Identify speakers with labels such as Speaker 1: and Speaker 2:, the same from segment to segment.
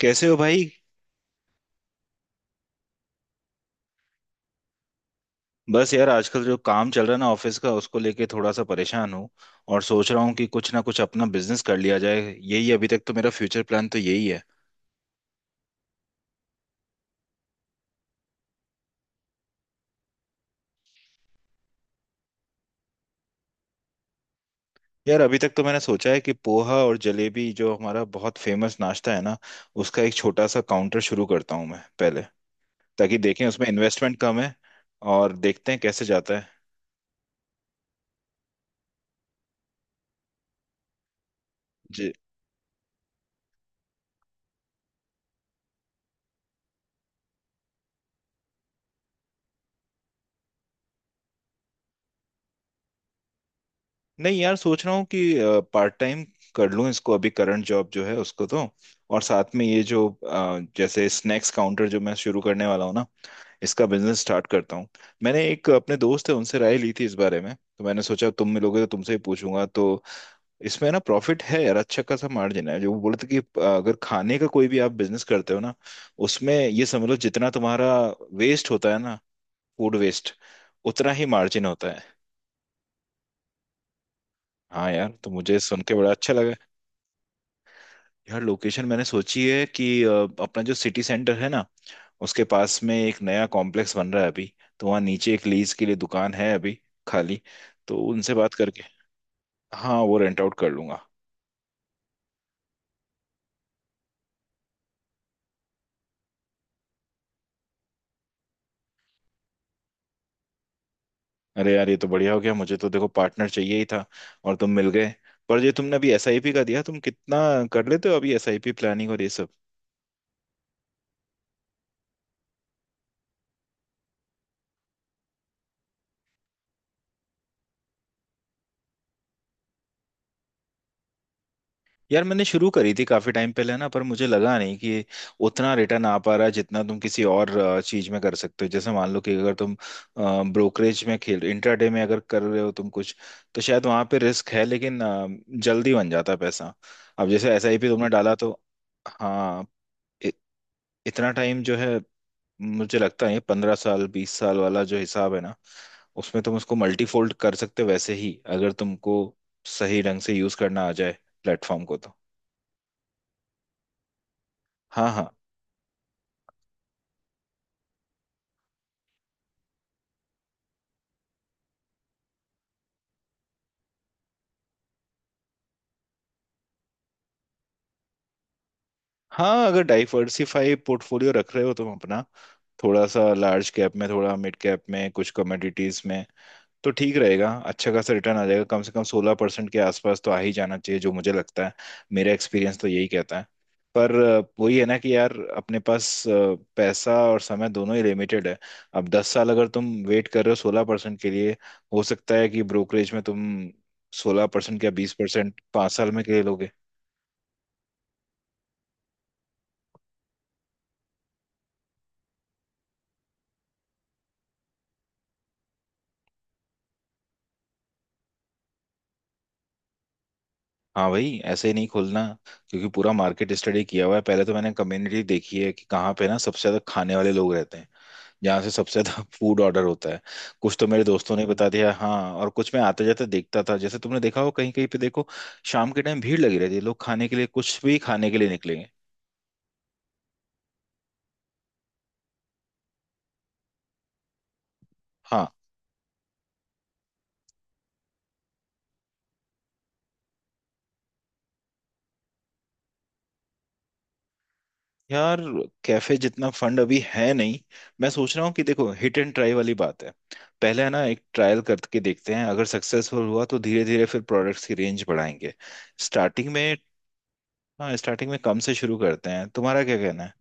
Speaker 1: कैसे हो भाई। बस यार आजकल जो काम चल रहा है ना ऑफिस का उसको लेके थोड़ा सा परेशान हूँ। और सोच रहा हूँ कि कुछ ना कुछ अपना बिजनेस कर लिया जाए, यही अभी तक तो मेरा फ्यूचर प्लान तो यही है। यार अभी तक तो मैंने सोचा है कि पोहा और जलेबी जो हमारा बहुत फेमस नाश्ता है ना, उसका एक छोटा सा काउंटर शुरू करता हूँ मैं पहले, ताकि देखें उसमें इन्वेस्टमेंट कम है और देखते हैं कैसे जाता है। नहीं यार सोच रहा हूँ कि पार्ट टाइम कर लूँ इसको अभी, करंट जॉब जो है उसको, तो और साथ में ये जो जैसे स्नैक्स काउंटर जो मैं शुरू करने वाला हूँ ना, इसका बिजनेस स्टार्ट करता हूँ। मैंने एक अपने दोस्त है उनसे राय ली थी इस बारे में, तो मैंने सोचा तुम मिलोगे तो तुमसे ही पूछूंगा। तो इसमें ना प्रॉफिट है यार, अच्छा खासा मार्जिन है। जो वो बोले थे कि अगर खाने का कोई भी आप बिजनेस करते हो ना, उसमें ये समझ लो जितना तुम्हारा वेस्ट होता है ना, फूड वेस्ट, उतना ही मार्जिन होता है। हाँ यार तो मुझे सुन के बड़ा अच्छा लगा। यार लोकेशन मैंने सोची है कि अपना जो सिटी सेंटर है ना, उसके पास में एक नया कॉम्प्लेक्स बन रहा है अभी, तो वहाँ नीचे एक लीज के लिए दुकान है अभी खाली, तो उनसे बात करके। हाँ वो रेंट आउट कर लूंगा। अरे यार ये तो बढ़िया हो गया, मुझे तो देखो पार्टनर चाहिए ही था और तुम मिल गए। पर ये तुमने अभी एसआईपी का दिया, तुम कितना कर लेते हो अभी एसआईपी प्लानिंग और ये सब? यार मैंने शुरू करी थी काफी टाइम पहले ना, पर मुझे लगा नहीं कि उतना रिटर्न आ पा रहा है जितना तुम किसी और चीज में कर सकते हो। जैसे मान लो कि अगर तुम ब्रोकरेज में खेल, इंट्राडे में अगर कर रहे हो तुम कुछ, तो शायद वहां पे रिस्क है लेकिन जल्दी बन जाता है पैसा। अब जैसे एसआईपी तुमने डाला तो हाँ, इ, इतना टाइम जो है मुझे लगता है 15 साल 20 साल वाला जो हिसाब है ना, उसमें तुम उसको मल्टीफोल्ड कर सकते हो। वैसे ही अगर तुमको सही ढंग से यूज करना आ जाए प्लेटफॉर्म को तो। हाँ हाँ। हाँ अगर डाइवर्सिफाई पोर्टफोलियो रख रहे हो तुम अपना, थोड़ा सा लार्ज कैप में, थोड़ा मिड कैप में, कुछ कमोडिटीज में, तो ठीक रहेगा, अच्छा खासा रिटर्न आ जाएगा, कम से कम 16% के आसपास तो आ ही जाना चाहिए जो मुझे लगता है। मेरा एक्सपीरियंस तो यही कहता है। पर वही है ना कि यार अपने पास पैसा और समय दोनों ही लिमिटेड है। अब 10 साल अगर तुम वेट कर रहे हो 16% के लिए, हो सकता है कि ब्रोकरेज में तुम 16% या 20% 5 साल में के लिए लोगे। हाँ भाई ऐसे ही नहीं खोलना, क्योंकि पूरा मार्केट स्टडी किया हुआ है। पहले तो मैंने कम्युनिटी देखी है कि कहाँ पे ना सबसे ज्यादा खाने वाले लोग रहते हैं, जहाँ से सबसे ज्यादा फूड ऑर्डर होता है। कुछ तो मेरे दोस्तों ने बता दिया, हाँ, और कुछ मैं आते जाते देखता था। जैसे तुमने देखा हो कहीं कहीं पे, देखो शाम के टाइम भीड़ लगी रहती है, लोग खाने के लिए कुछ भी खाने के लिए निकलेंगे। हाँ, यार कैफे जितना फंड अभी है नहीं। मैं सोच रहा हूँ कि देखो हिट एंड ट्राई वाली बात है, पहले है ना एक ट्रायल करके देखते हैं, अगर सक्सेसफुल हुआ तो धीरे धीरे फिर प्रोडक्ट्स की रेंज बढ़ाएंगे। स्टार्टिंग में, हाँ स्टार्टिंग में कम से शुरू करते हैं, तुम्हारा क्या कहना है?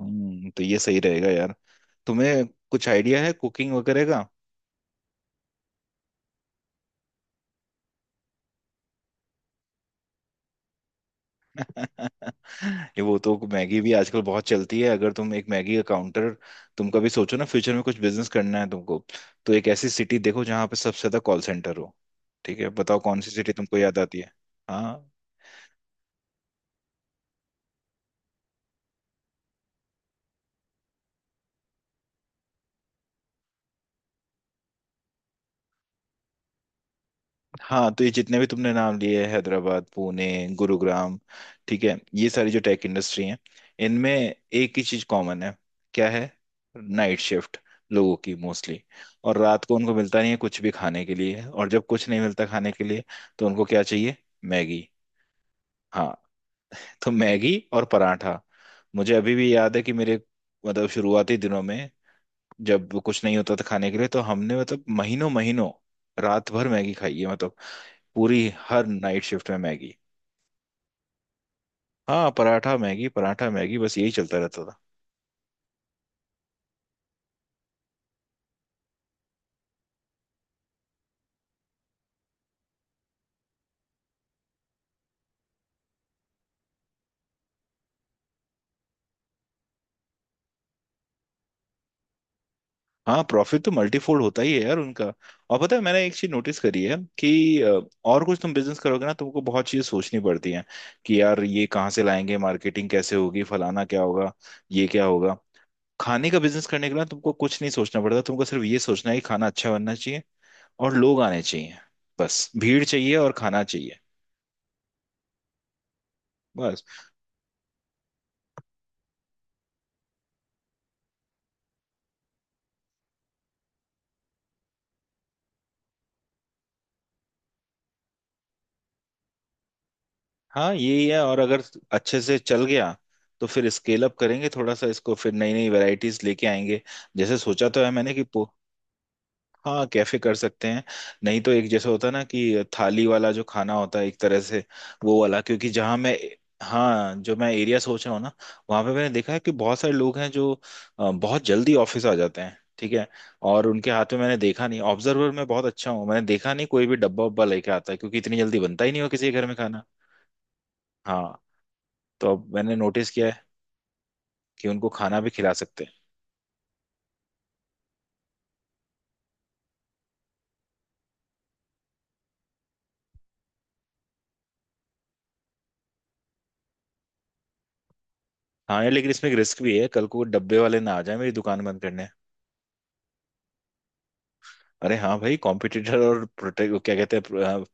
Speaker 1: हम्म, तो ये सही रहेगा यार। तुम्हें कुछ आइडिया है कुकिंग वगैरह? ये वो तो मैगी भी आजकल बहुत चलती है। अगर तुम एक मैगी का काउंटर, तुम कभी सोचो ना फ्यूचर में कुछ बिजनेस करना है तुमको, तो एक ऐसी सिटी देखो जहाँ पे सबसे ज्यादा कॉल सेंटर हो। ठीक है बताओ कौन सी सिटी तुमको याद आती है? हाँ, हाँ तो ये जितने भी तुमने नाम लिए हैं, हैदराबाद, पुणे, गुरुग्राम, ठीक है, ये सारी जो टेक इंडस्ट्री हैं, इनमें एक ही चीज कॉमन है। क्या है? नाइट शिफ्ट लोगों की मोस्टली। और रात को उनको मिलता नहीं है कुछ भी खाने के लिए, और जब कुछ नहीं मिलता खाने के लिए तो उनको क्या चाहिए? मैगी। हाँ, तो मैगी और पराठा। मुझे अभी भी याद है कि मेरे, मतलब शुरुआती दिनों में जब कुछ नहीं होता था खाने के लिए, तो हमने मतलब महीनों महीनों रात भर मैगी खाई है, मतलब पूरी हर नाइट शिफ्ट में मैगी। हाँ पराठा मैगी, पराठा मैगी, बस यही चलता रहता था। हाँ प्रॉफिट तो मल्टीफोल्ड होता ही है यार उनका। और पता है मैंने एक चीज नोटिस करी है कि और कुछ तुम बिजनेस करोगे ना तुमको बहुत चीजें सोचनी पड़ती हैं कि यार ये कहाँ से लाएंगे, मार्केटिंग कैसे होगी, फलाना क्या होगा, ये क्या होगा। खाने का बिजनेस करने के लिए ना तुमको कुछ नहीं सोचना पड़ता, तुमको सिर्फ ये सोचना है कि खाना अच्छा बनना चाहिए और लोग आने चाहिए, बस भीड़ चाहिए और खाना चाहिए। बस। हाँ यही है। और अगर अच्छे से चल गया तो फिर स्केल अप करेंगे थोड़ा सा इसको, फिर नई नई वैरायटीज लेके आएंगे। जैसे सोचा तो है मैंने कि पो-, हाँ कैफे कर सकते हैं। नहीं तो एक जैसे होता है ना कि थाली वाला जो खाना होता है एक तरह से, वो वाला, क्योंकि जहाँ मैं, हाँ जो मैं एरिया सोच रहा हूँ ना, वहाँ पे मैंने देखा है कि बहुत सारे लोग हैं जो बहुत जल्दी ऑफिस आ जाते हैं, ठीक है, और उनके हाथ में मैंने देखा नहीं, ऑब्जर्वर में बहुत अच्छा हूँ, मैंने देखा नहीं कोई भी डब्बा उब्बा लेके आता है, क्योंकि इतनी जल्दी बनता ही नहीं हो किसी के घर में खाना। हाँ, तो अब मैंने नोटिस किया है कि उनको खाना भी खिला सकते हैं। हाँ यार, लेकिन इसमें एक रिस्क भी है, कल को डब्बे वाले ना आ जाए मेरी दुकान बंद करने। अरे हाँ भाई, कॉम्पिटिटर और प्रोटेक्ट क्या कहते हैं,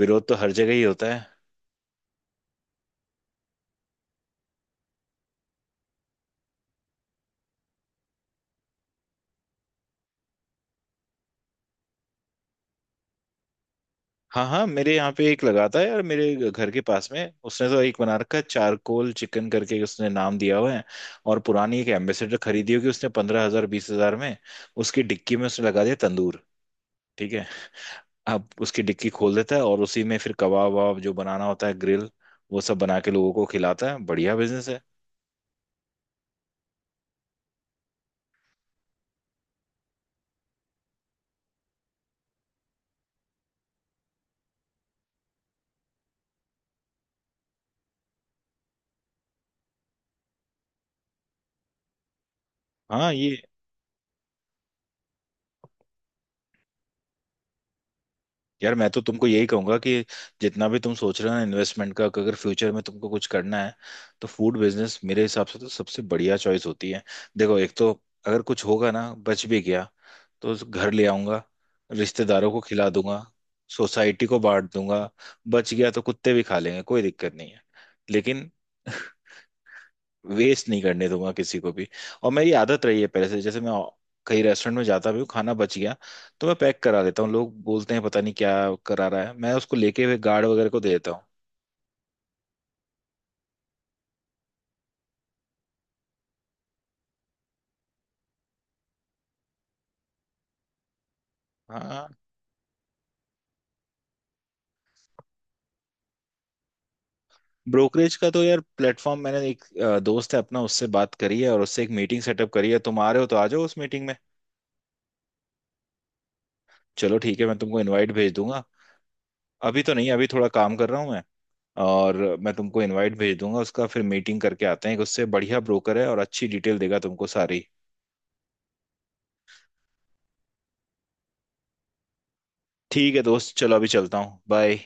Speaker 1: विरोध तो हर जगह ही होता है। हाँ हाँ मेरे यहाँ पे एक लगा था यार मेरे घर के पास में। उसने तो एक बना रखा है चारकोल चिकन करके, उसने नाम दिया हुआ है। और पुरानी एक एम्बेसडर खरीदी होगी उसने 15 हजार 20 हजार में। उसकी डिक्की में उसने लगा दिया तंदूर, ठीक है, अब उसकी डिक्की खोल देता है और उसी में फिर कबाब वबाब जो बनाना होता है, ग्रिल, वो सब बना के लोगों को खिलाता है। बढ़िया बिजनेस है। हाँ ये, यार मैं तो तुमको यही कहूंगा कि जितना भी तुम सोच रहे हो ना इन्वेस्टमेंट का, कि अगर फ्यूचर में तुमको कुछ करना है तो फूड बिजनेस मेरे हिसाब से तो सबसे बढ़िया चॉइस होती है। देखो एक तो अगर कुछ होगा ना, बच भी गया तो उस घर ले आऊंगा, रिश्तेदारों को खिला दूंगा, सोसाइटी को बांट दूंगा, बच गया तो कुत्ते भी खा लेंगे, कोई दिक्कत नहीं है। लेकिन वेस्ट नहीं करने दूंगा किसी को भी। और मेरी आदत रही है पहले से, जैसे मैं कहीं रेस्टोरेंट में जाता भी हूँ खाना बच गया तो मैं पैक करा देता हूँ। लोग बोलते हैं पता नहीं क्या करा रहा है, मैं उसको लेके हुए गार्ड वगैरह को दे देता हूँ। हाँ ब्रोकरेज का तो यार प्लेटफॉर्म, मैंने एक दोस्त है अपना उससे बात करी है और उससे एक मीटिंग सेटअप करी है। तुम आ रहे हो तो आ जाओ उस मीटिंग में। चलो ठीक है मैं तुमको इनवाइट भेज दूंगा। अभी तो नहीं, अभी थोड़ा काम कर रहा हूँ मैं, और मैं तुमको इनवाइट भेज दूंगा उसका, फिर मीटिंग करके आते हैं एक, उससे बढ़िया ब्रोकर है और अच्छी डिटेल देगा तुमको सारी। ठीक है दोस्त, चलो अभी चलता हूँ, बाय।